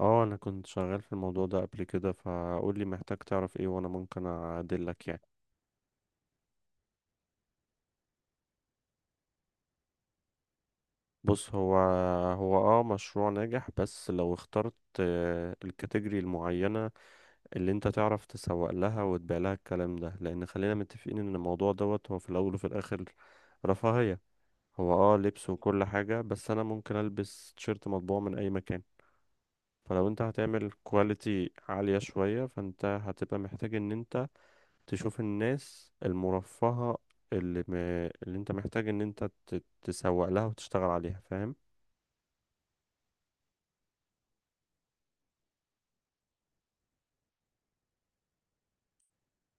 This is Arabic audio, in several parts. اه انا كنت شغال في الموضوع ده قبل كده، فقول لي محتاج تعرف ايه وانا ممكن اعدلك يعني. بص، هو هو اه مشروع ناجح بس لو اخترت الكاتيجوري المعينة اللي انت تعرف تسوق لها وتبيع لها الكلام ده، لان خلينا متفقين ان الموضوع دوت هو في الاول وفي الاخر رفاهية. هو اه لبس وكل حاجة، بس انا ممكن البس تيشيرت مطبوع من اي مكان. فلو انت هتعمل كواليتي عالية شوية، فانت هتبقى محتاج ان انت تشوف الناس المرفهة اللي, م... اللي انت محتاج ان انت تسوق لها وتشتغل عليها، فاهم.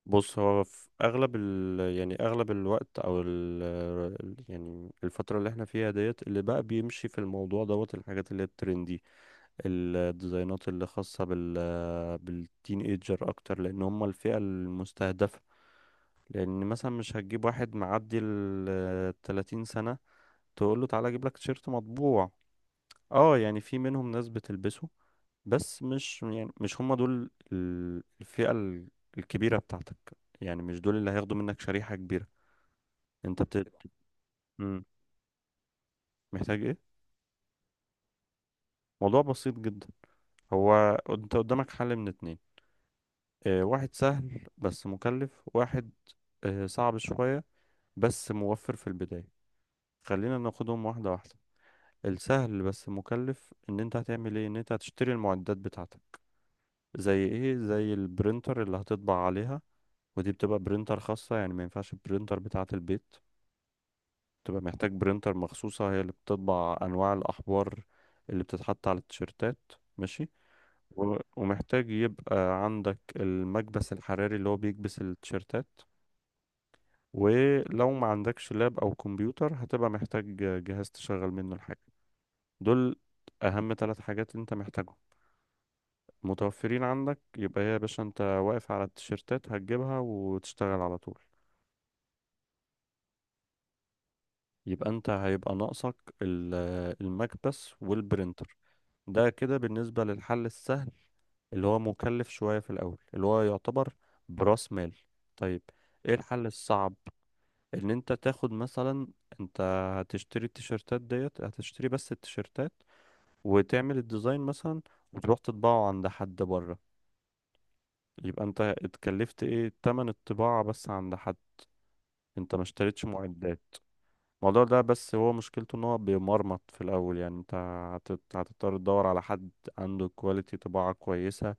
بص، هو في اغلب يعني اغلب الوقت او يعني الفترة اللي احنا فيها ديت اللي بقى بيمشي في الموضوع دوت الحاجات اللي هي الترندي. الديزاينات اللي خاصة بالتين ايجر اكتر، لان هم الفئة المستهدفة. لان مثلا مش هتجيب واحد معدي ال 30 سنة تقول له تعالى اجيب لك تيشيرت مطبوع. اه يعني في منهم ناس بتلبسه، بس مش يعني مش هم دول الفئة الكبيرة بتاعتك. يعني مش دول اللي هياخدوا منك شريحة كبيرة. انت بت... مم. محتاج ايه؟ موضوع بسيط جدا. هو انت قدامك حل من اتنين. اه واحد سهل بس مكلف، واحد اه صعب شوية بس موفر في البداية. خلينا ناخدهم واحدة واحدة. السهل بس مكلف ان انت هتعمل ايه؟ ان انت هتشتري المعدات بتاعتك، زي ايه؟ زي البرينتر اللي هتطبع عليها، ودي بتبقى برينتر خاصة، يعني ما ينفعش البرينتر بتاعة البيت. بتبقى محتاج برينتر مخصوصة، هي اللي بتطبع أنواع الأحبار اللي بتتحط على التيشيرتات، ماشي. ومحتاج يبقى عندك المكبس الحراري اللي هو بيكبس التيشيرتات. ولو ما عندكش لاب أو كمبيوتر، هتبقى محتاج جهاز تشغل منه الحاجة. دول أهم ثلاث حاجات أنت محتاجهم. متوفرين عندك، يبقى هي يا باشا أنت واقف على التيشيرتات، هتجيبها وتشتغل على طول. يبقى انت هيبقى ناقصك ال- المكبس والبرينتر. ده كده بالنسبة للحل السهل اللي هو مكلف شوية في الأول، اللي هو يعتبر برأس مال. طيب ايه الحل الصعب؟ ان انت تاخد مثلا، انت هتشتري التيشيرتات ديت، هتشتري بس التيشيرتات وتعمل الديزاين مثلا، وتروح تطبعه عند حد بره. يبقى انت اتكلفت ايه؟ تمن الطباعة بس عند حد، انت ما اشتريتش معدات. الموضوع ده بس هو مشكلته ان هو بيمرمط في الاول. يعني انت هتضطر تدور على حد عنده كواليتي طباعة كويسة،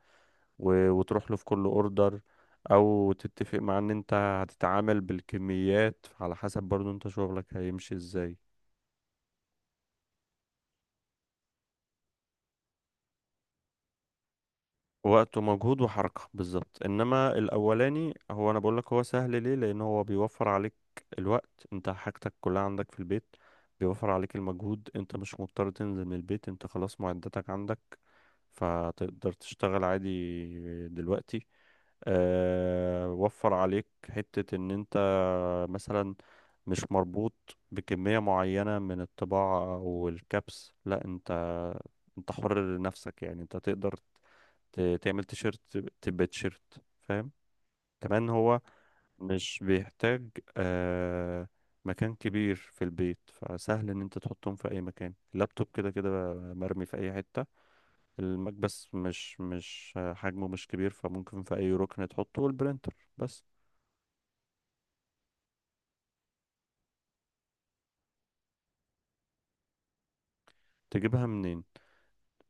وتروح له في كل اوردر، او تتفق مع ان انت هتتعامل بالكميات على حسب برضو انت شغلك هيمشي ازاي. وقت ومجهود وحركة بالظبط. انما الاولاني هو، انا بقولك هو سهل ليه، لان هو بيوفر عليك الوقت، انت حاجتك كلها عندك في البيت. بيوفر عليك المجهود، انت مش مضطر تنزل من البيت، انت خلاص معداتك عندك فتقدر تشتغل عادي دلوقتي. وفر عليك حتة ان انت مثلا مش مربوط بكمية معينة من الطباعة او الكبس، لا انت انت حر لنفسك، يعني انت تقدر تعمل تيشيرت تبقى تيشيرت، فاهم. كمان هو مش بيحتاج آه مكان كبير في البيت، فسهل ان انت تحطهم في اي مكان. اللابتوب كده كده مرمي في اي حتة، المكبس مش حجمه مش كبير فممكن في اي ركن تحطه، والبرينتر بس تجيبها منين.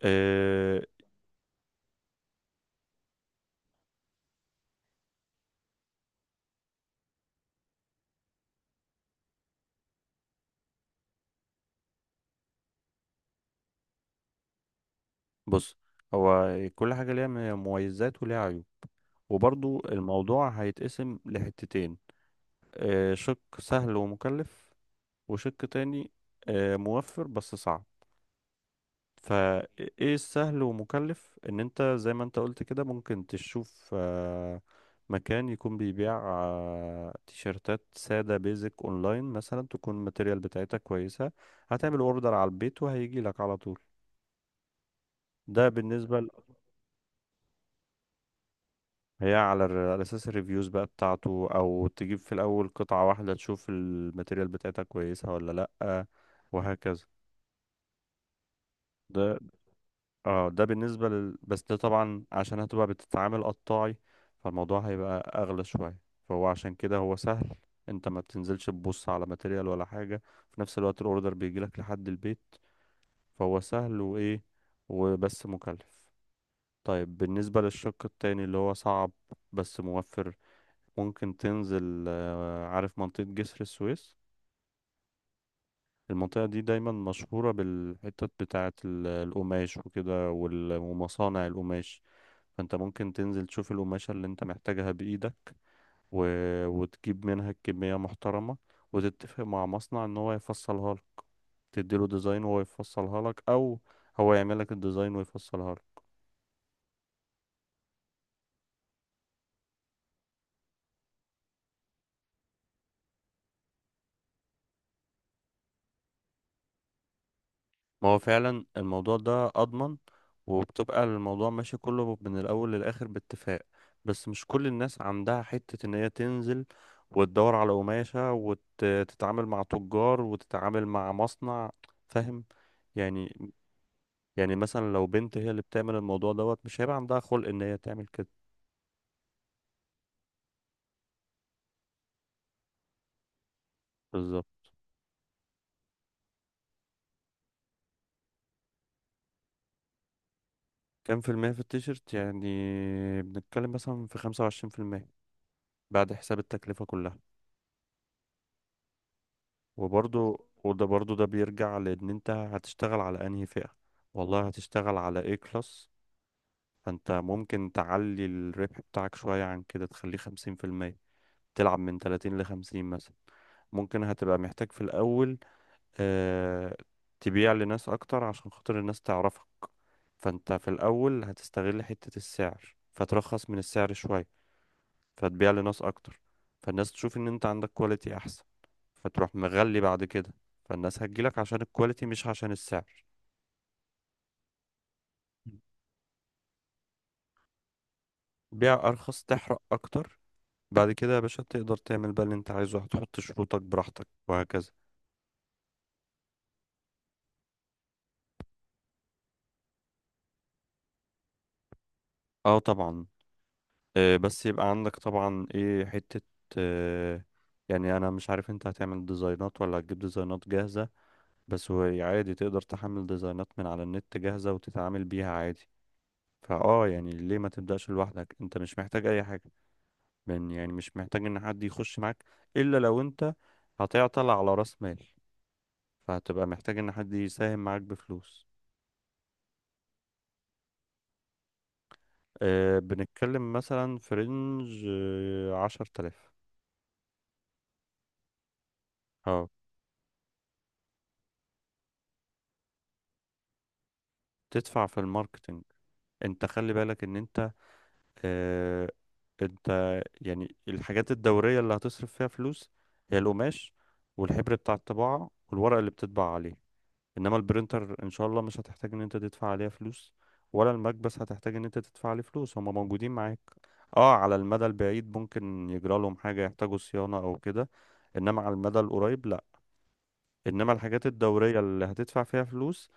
آه بص، هو كل حاجة ليها مميزات وليها عيوب. وبرضو الموضوع هيتقسم لحتتين، شق سهل ومكلف، وشق تاني موفر بس صعب. فايه السهل ومكلف؟ ان انت زي ما انت قلت كده، ممكن تشوف مكان يكون بيبيع تيشيرتات سادة بيزك اونلاين مثلا تكون الماتيريال بتاعتها كويسة، هتعمل اوردر على البيت وهيجي لك على طول. ده بالنسبة هي على على اساس الريفيوز بقى بتاعته، او تجيب في الاول قطعة واحدة تشوف الماتيريال بتاعتها كويسة ولا لأ، وهكذا. ده اه ده بالنسبة بس ده طبعا عشان هتبقى بتتعامل قطاعي، فالموضوع هيبقى أغلى شوية. فهو عشان كده هو سهل، انت ما بتنزلش تبص على ماتيريال ولا حاجة، في نفس الوقت الاوردر بيجيلك لحد البيت. فهو سهل وايه؟ وبس مكلف. طيب بالنسبة للشق التاني اللي هو صعب بس موفر، ممكن تنزل، عارف منطقة جسر السويس؟ المنطقة دي دايما مشهورة بالحتت بتاعة القماش وكده ومصانع القماش. فانت ممكن تنزل تشوف القماشة اللي انت محتاجها بإيدك، و... وتجيب منها كمية محترمة، وتتفق مع مصنع ان هو يفصلها لك، تديله ديزاين وهو يفصلها لك، او هو يعمل لك الديزاين ويفصلها لك. ما هو فعلا الموضوع ده اضمن، وبتبقى الموضوع ماشي كله من الاول للاخر باتفاق. بس مش كل الناس عندها حتة ان هي تنزل وتدور على قماشة وتتعامل مع تجار وتتعامل مع مصنع، فاهم يعني. يعني مثلا لو بنت هي اللي بتعمل الموضوع دوت، مش هيبقى عندها خلق ان هي تعمل كده. بالظبط. كام في المية في التيشيرت يعني؟ بنتكلم مثلا في 25% بعد حساب التكلفة كلها. وبرضو وده برضو ده بيرجع لان انت هتشتغل على انهي فئة، والله هتشتغل على ايه كلاس. فانت ممكن تعلي الربح بتاعك شوية عن كده تخليه 50%، تلعب من 30 لـ50 مثلا. ممكن هتبقى محتاج في الأول آه، تبيع لناس اكتر عشان خاطر الناس تعرفك. فانت في الاول هتستغل حتة السعر فترخص من السعر شوية، فتبيع لناس اكتر، فالناس تشوف ان انت عندك كواليتي احسن، فتروح مغلي بعد كده، فالناس هتجيلك عشان الكواليتي مش عشان السعر. بيع ارخص تحرق اكتر. بعد كده يا باشا تقدر تعمل بقى اللي انت عايزه، هتحط شروطك براحتك وهكذا. اه طبعا، بس يبقى عندك طبعا ايه حتة، آه، يعني انا مش عارف انت هتعمل ديزاينات ولا هتجيب ديزاينات جاهزة. بس هو عادي تقدر تحمل ديزاينات من على النت جاهزة وتتعامل بيها عادي. فاه يعني ليه ما تبدأش لوحدك، انت مش محتاج اي حاجة من، يعني مش محتاج ان حد يخش معاك، الا لو انت هتعطل على راس مال فهتبقى محتاج ان حد يساهم معاك بفلوس. أه بنتكلم مثلا في رينج 10 آلاف. اه تدفع في الماركتنج. انت خلي بالك ان اه انت يعني الحاجات الدورية اللي هتصرف فيها فلوس هي القماش والحبر بتاع الطباعة والورق اللي بتطبع عليه. انما البرينتر ان شاء الله مش هتحتاج ان انت تدفع عليها فلوس، ولا المكبس هتحتاج ان انت تدفع عليه فلوس، هما موجودين معاك. اه على المدى البعيد ممكن يجرى لهم حاجة يحتاجوا صيانة او كده، انما على المدى القريب لا. انما الحاجات الدورية اللي هتدفع فيها فلوس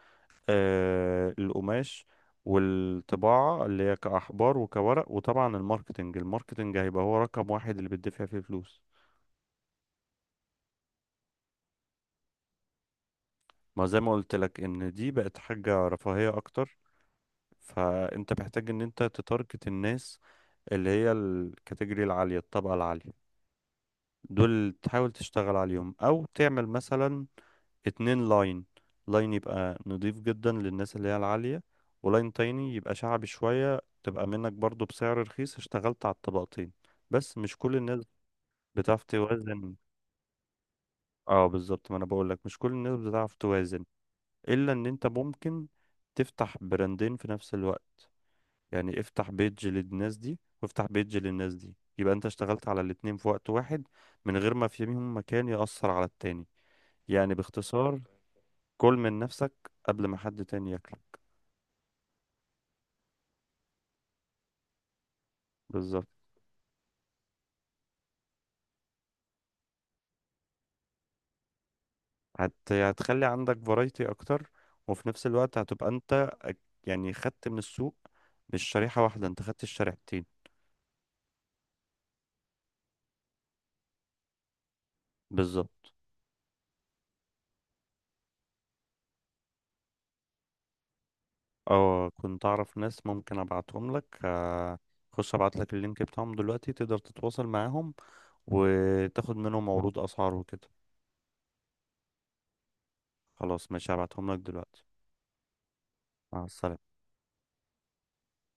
القماش والطباعة اللي هي كأحبار وكورق، وطبعا الماركتنج. الماركتنج هيبقى هو رقم واحد اللي بتدفع فيه فلوس. ما زي ما قلت لك ان دي بقت حاجة رفاهية اكتر، فانت محتاج ان انت تتارجت الناس اللي هي الكاتيجوري العالية، الطبقة العالية، دول تحاول تشتغل عليهم. او تعمل مثلا اتنين لاين، لاين يبقى نضيف جدا للناس اللي هي العالية، ولاين تاني يبقى شعبي شوية تبقى منك برضو بسعر رخيص، اشتغلت على الطبقتين، بس مش كل الناس بتعرف توازن. اه بالظبط، ما انا بقولك مش كل الناس بتعرف توازن. الا ان انت ممكن تفتح براندين في نفس الوقت، يعني افتح بيج للناس دي وافتح بيج للناس دي، يبقى انت اشتغلت على الاتنين في وقت واحد من غير ما فيهم مكان يأثر على التاني، يعني باختصار كل من نفسك قبل ما حد تاني ياكلك. بالظبط. هتخلي عندك فرايتي اكتر، وفي نفس الوقت هتبقى انت يعني خدت من السوق مش شريحة واحدة، انت خدت الشريحتين. بالظبط. اه كنت اعرف ناس ممكن ابعتهم لك، خش ابعت لك اللينك بتاعهم دلوقتي، تقدر تتواصل معاهم وتاخد منهم عروض اسعار وكده. خلاص ماشي، هبعتهم لك دلوقتي. مع السلامة.